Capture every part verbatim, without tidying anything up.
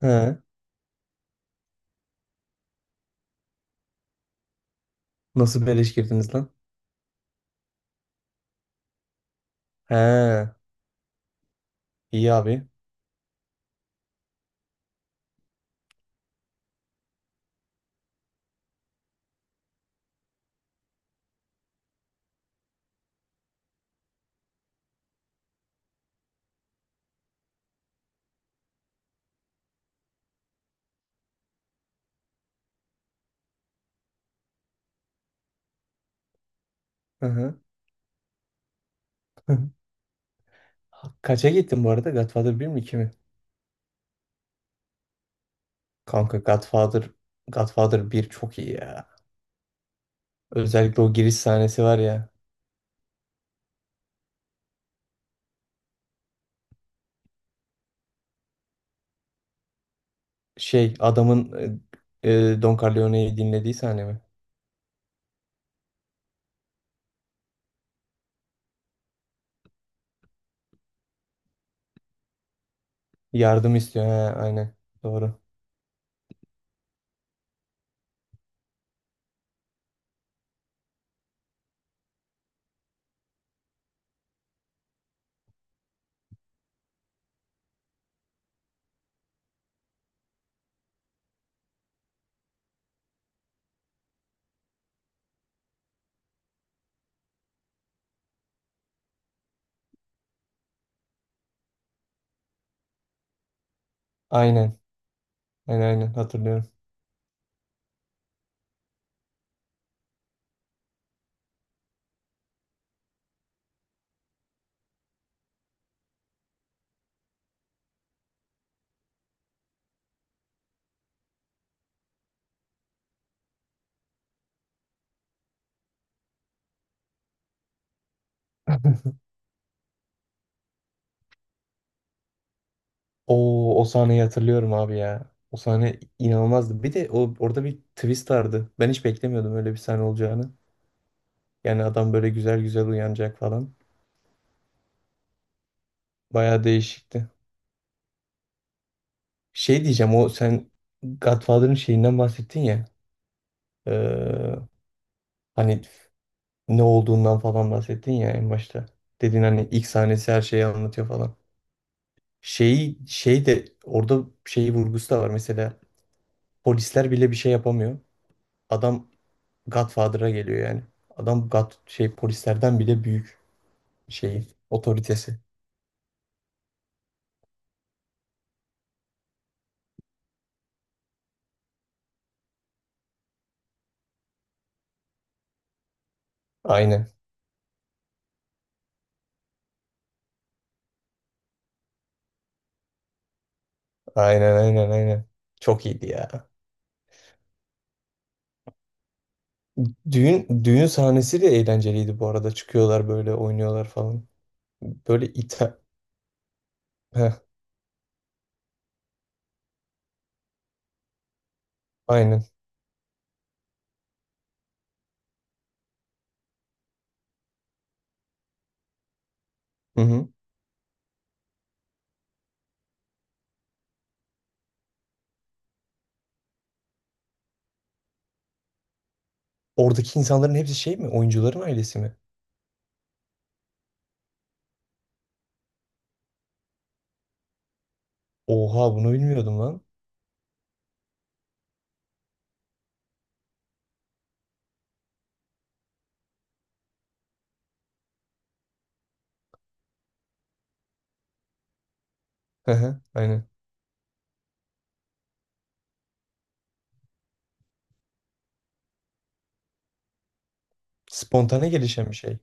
He. Nasıl beleş girdiniz lan? He. iyi abi. Hı hı. Kaça gittin bu arada? Godfather bir mi iki mi? Kanka Godfather Godfather bir çok iyi ya. Özellikle o giriş sahnesi var ya. Şey adamın e, e, Don Corleone'yi dinlediği sahne mi? Yardım istiyor. He, aynen. Doğru. Aynen. Aynen aynen hatırlıyorum. O o sahneyi hatırlıyorum abi ya. O sahne inanılmazdı. Bir de o orada bir twist vardı. Ben hiç beklemiyordum öyle bir sahne olacağını. Yani adam böyle güzel güzel uyanacak falan. Baya değişikti. Şey diyeceğim o sen Godfather'ın şeyinden bahsettin ya. Ee, Hani ne olduğundan falan bahsettin ya en başta. Dedin hani ilk sahnesi her şeyi anlatıyor falan. Şeyi şey de orada şeyi vurgusu da var. Mesela polisler bile bir şey yapamıyor. Adam Godfather'a geliyor yani. Adam God, şey, polislerden bile büyük şeyi, otoritesi. Aynen. Aynen aynen aynen. Çok iyiydi ya. Düğün düğün sahnesi de eğlenceliydi bu arada. Çıkıyorlar böyle oynuyorlar falan. Böyle ita... Heh, aynen. Hı hı. Oradaki insanların hepsi şey mi? Oyuncuların ailesi mi? Oha, bunu bilmiyordum lan. Hı hı, aynen. Spontane gelişen bir şey.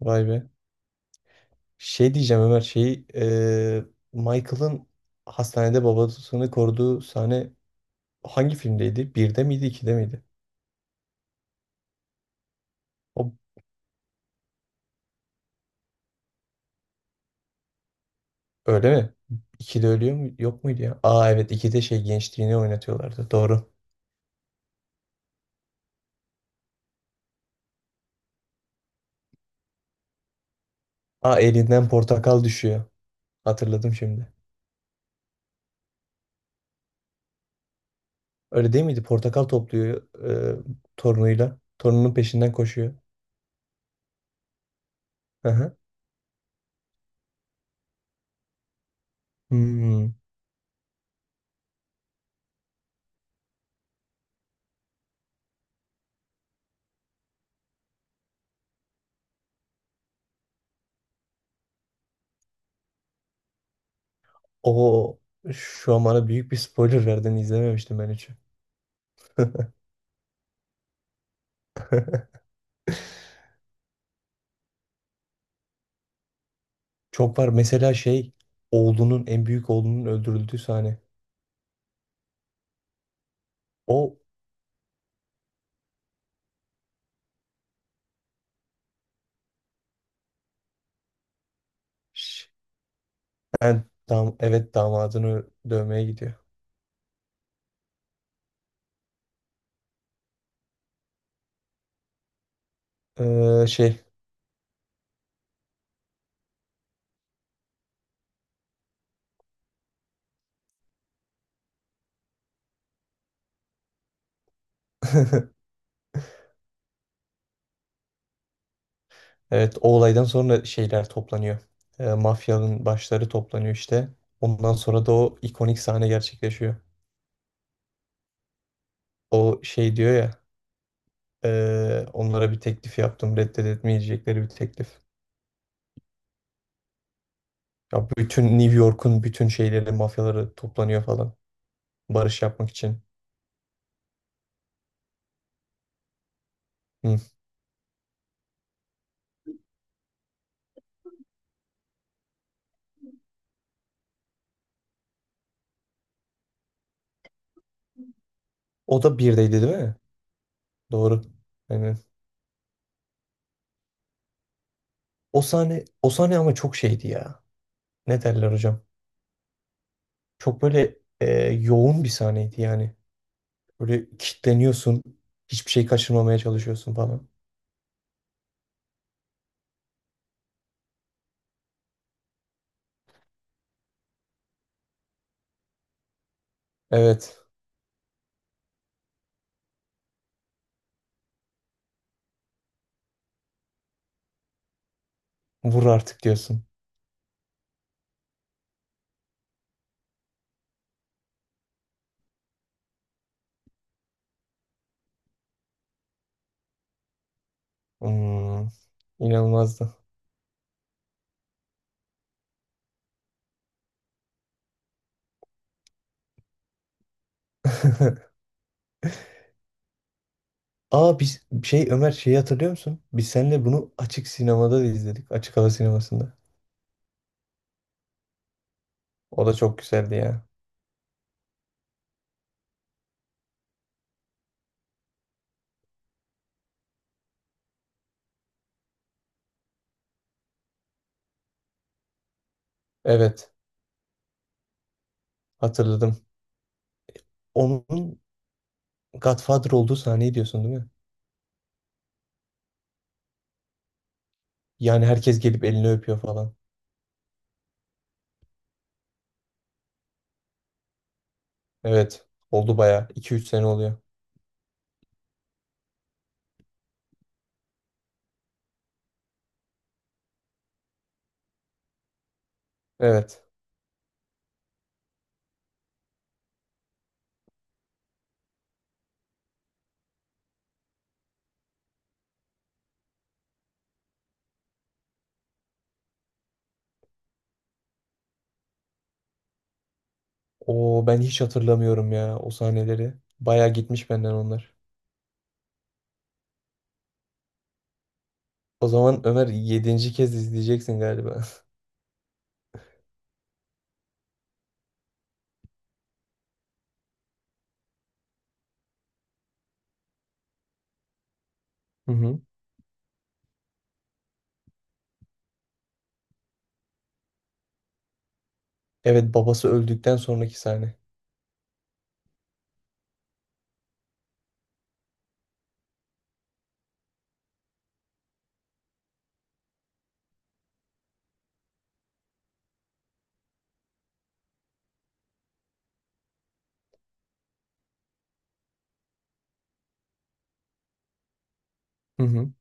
Vay be. Şey diyeceğim Ömer, şey, e, Michael'ın hastanede babasını koruduğu sahne hangi filmdeydi? Birde miydi, ikide miydi? O, öyle mi? İkide ölüyor mu? Yok muydu ya? Aa, evet, ikide şey, gençliğini oynatıyorlardı. Doğru. Aa, elinden portakal düşüyor. Hatırladım şimdi. Öyle değil miydi? Portakal topluyor e, torunuyla. Torununun peşinden koşuyor. Hı hı. Hmm. O şu an bana büyük bir spoiler verdin. İzlememiştim ben hiç. Çok var. Mesela şey, oğlunun en büyük oğlunun öldürüldüğü sahne. O. Ş- Yani, dam- evet, damadını dövmeye gidiyor. Ee, şey, evet, o olaydan sonra şeyler toplanıyor. Ee, mafyanın başları toplanıyor işte. Ondan sonra da o ikonik sahne gerçekleşiyor. O şey diyor ya: "Ee, onlara bir teklif yaptım, reddedemeyecekleri bir teklif." Ya, bütün New York'un bütün şeyleri, mafyaları toplanıyor falan, barış yapmak için. Hı. O da birdeydi değil mi? Doğru. Aynen. O sahne o sahne ama çok şeydi ya. Ne derler hocam? Çok böyle e, yoğun bir sahneydi yani. Böyle kilitleniyorsun. Hiçbir şey kaçırmamaya çalışıyorsun falan. Evet. Vur artık diyorsun. Hmm, inanılmazdı. Aa, biz şey, Ömer, şeyi hatırlıyor musun? Biz seninle bunu açık sinemada da izledik. Açık hava sinemasında. O da çok güzeldi ya. Evet, hatırladım. Onun Godfather olduğu sahneyi diyorsun değil mi? Yani herkes gelip elini öpüyor falan. Evet, oldu bayağı, iki üç sene oluyor. Evet. O ben hiç hatırlamıyorum ya o sahneleri. bayağı gitmiş benden onlar. O zaman Ömer, yedinci kez izleyeceksin galiba. Hı hı. Evet, babası öldükten sonraki sahne. Hı hı.